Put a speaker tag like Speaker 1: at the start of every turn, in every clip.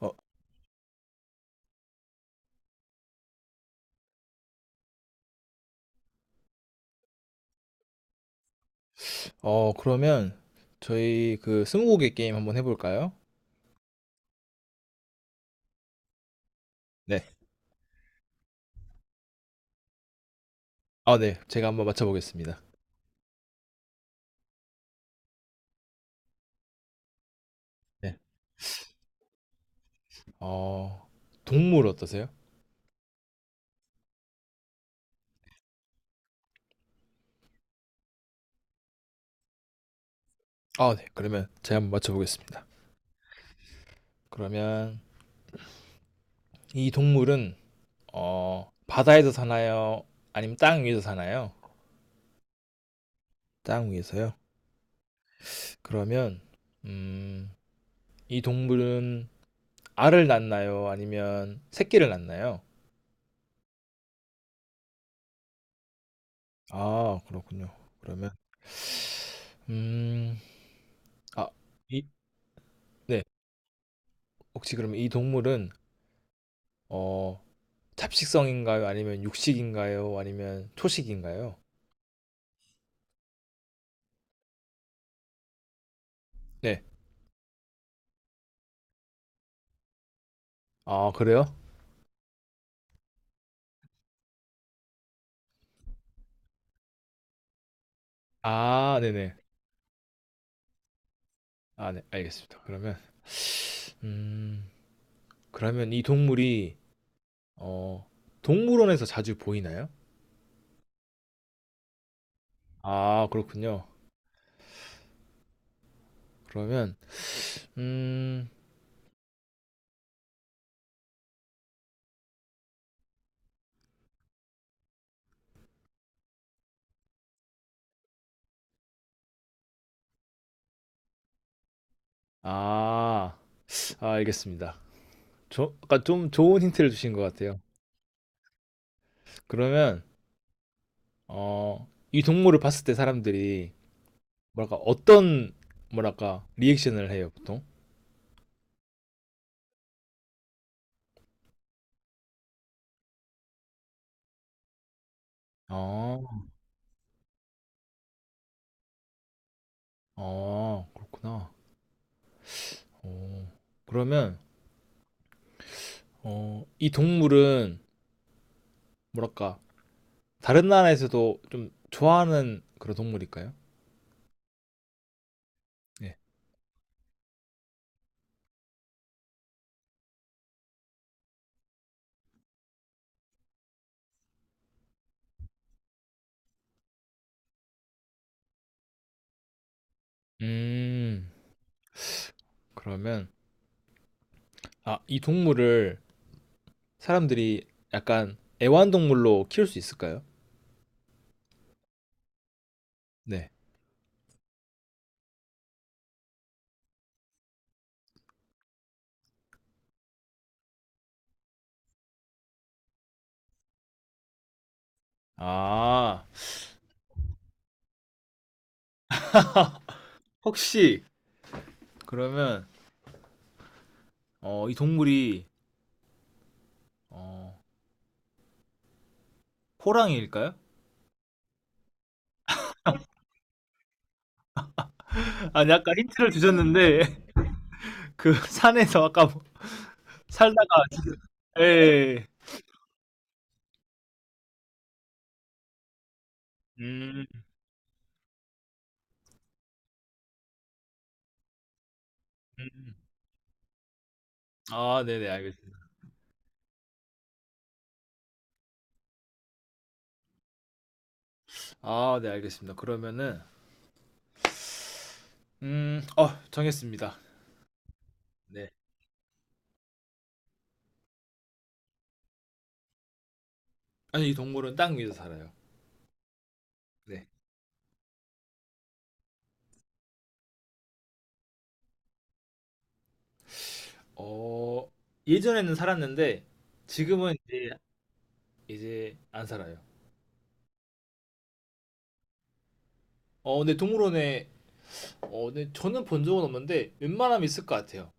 Speaker 1: 어, 그러면 저희 그 스무고개 게임 한번 해볼까요? 네. 아, 네. 제가 한번 맞춰보겠습니다. 네. 어, 동물 어떠세요? 아, 네. 그러면 제가 한번 맞춰보겠습니다. 그러면 이 동물은 바다에서 사나요? 아니면 땅 위에서 사나요? 땅 위에서요? 그러면 음, 이 동물은 알을 낳나요? 아니면 새끼를 낳나요? 아, 그렇군요. 그러면 음, 아, 이, 네. 혹시 그럼 이 동물은 어, 잡식성인가요? 아니면 육식인가요? 아니면 초식인가요? 네. 아, 그래요? 아, 네네. 아, 네. 알겠습니다. 그러면 음, 그러면 이 동물이 어, 동물원에서 자주 보이나요? 아, 그렇군요. 그러면 음, 아, 아, 알겠습니다. 저, 아까 좀 좋은 힌트를 주신 것 같아요. 그러면 어, 이 동물을 봤을 때 사람들이 뭐랄까 어떤 뭐랄까 리액션을 해요, 보통? 아. 아 그렇구나. 어. 그러면 어 이 동물은 뭐랄까 다른 나라에서도 좀 좋아하는 그런 동물일까요? 네. 음. 그러면 아 이 동물을 사람들이 약간 애완동물로 키울 수 있을까요? 네. 아. 혹시 그러면 어 이 동물이 어 호랑이일까요? 아니 아까 힌트를 주셨는데 그 산에서 아까 뭐 살다가 예예 예. 음. 음. 아 네네. 알겠습니다. 아 네 알겠습니다. 그러면은 어 정했습니다. 네. 아니 이 동물은 땅 위에서 살아요. 네. 어 예전에는 살았는데 지금은 이제 안 살아요. 어 근데 동물원에 어 네 저는 본 적은 없는데 웬만하면 있을 것 같아요.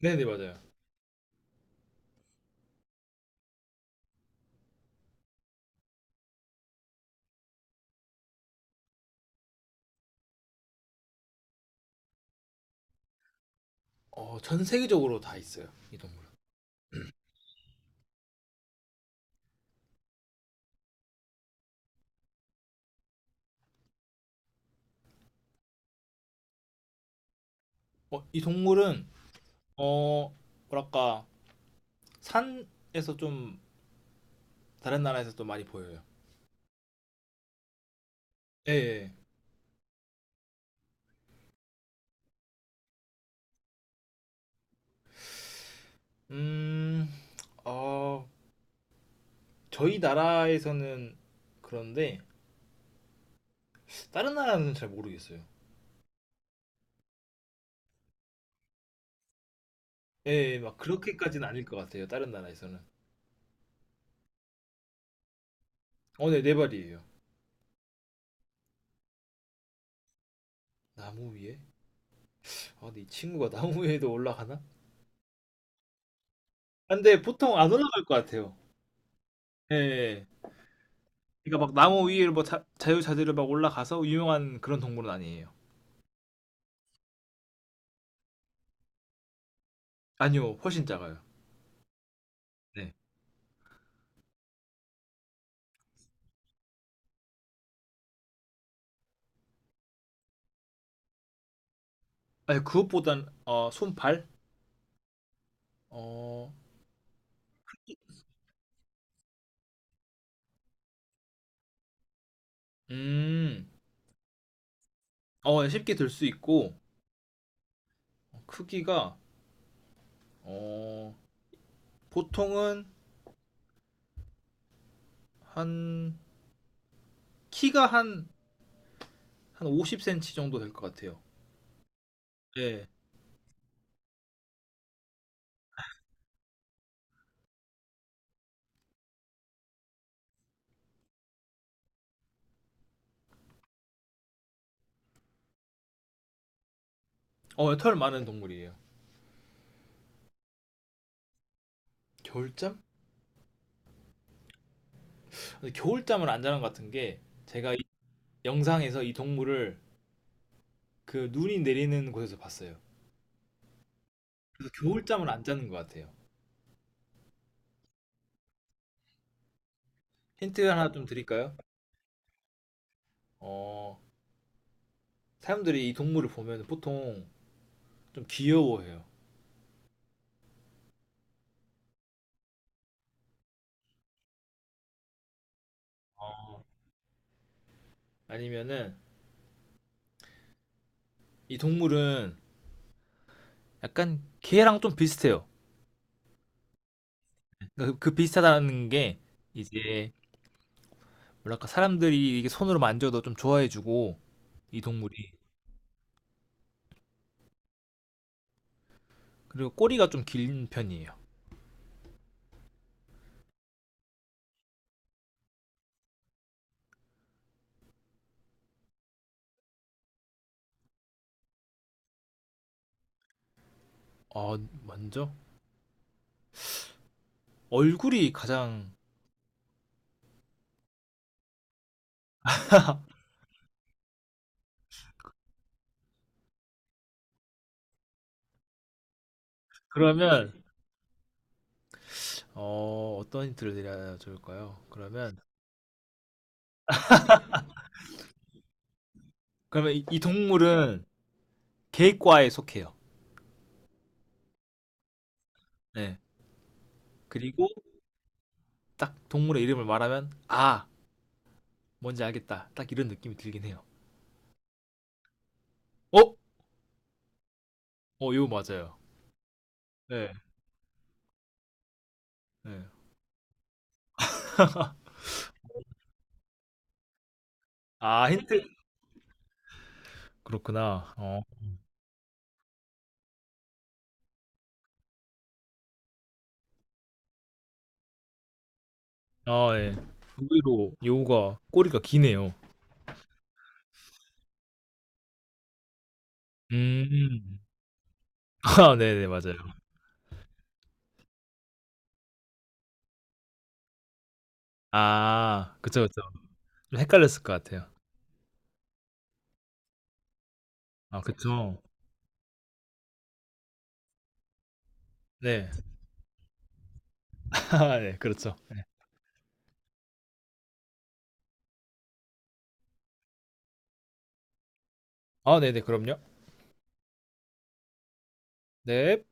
Speaker 1: 네네 맞아요. 어 전 세계적으로 다 있어요. 이 동물. 어 이 동물은 어 뭐랄까 산에서 좀 다른 나라에서 또 많이 보여요. 예예. 음 어, 저희 나라에서는 그런데 다른 나라는 잘 모르겠어요. 예, 예, 막 그렇게까지는 아닐 것 같아요. 다른 나라에서는. 어, 네, 네 발이에요. 나무 위에? 아, 근데 이 친구가 나무 위에도 올라가나? 아, 근데 보통 안 올라갈 것 같아요. 예, 예. 예. 그러니까 막 나무 위에 뭐 자유자재로 막 올라가서 유명한 그런 동물은 아니에요. 아니요, 훨씬 작아요. 네. 아니, 그것보단 어, 손발? 어, 음, 어, 네, 쉽게 들 수 있고 크기가 어, 보통은 한 키가 한 50cm 정도 될 것 같아요. 예. 어, 털 많은 동물이에요. 겨울잠? 근데 겨울잠을 안 자는 것 같은 게 제가 이 영상에서 이 동물을 그 눈이 내리는 곳에서 봤어요. 그래서 겨울잠을 안 자는 것 같아요. 힌트 하나 좀 드릴까요? 어, 사람들이 이 동물을 보면 보통 좀 귀여워해요. 어, 아니면은 이 동물은 약간 개랑 좀 비슷해요. 그러니까 그 비슷하다는 게 이제 뭐랄까 사람들이 이게 손으로 만져도 좀 좋아해주고 이 동물이. 그리고 꼬리가 좀 긴 편이에요. 어, 먼저 얼굴이 가장 그러면 어, 어떤 힌트를 드려야 좋을까요? 그러면 그러면 이 동물은 개과에 속해요. 네. 그리고 딱 동물의 이름을 말하면 아, 뭔지 알겠다. 딱 이런 느낌이 들긴 해요. 어? 어, 이거 맞아요. 네. 네. 아, 힌트. 그렇구나. 어. 아, 예. 의외로 여우가 꼬리가 기네요. 음. 아, 네네, 맞아요. 아, 그쵸, 그쵸. 좀 헷갈렸을 것 같아요. 아 그쵸. 네. 네 그렇죠. 네. 아 네네 그럼요. 네.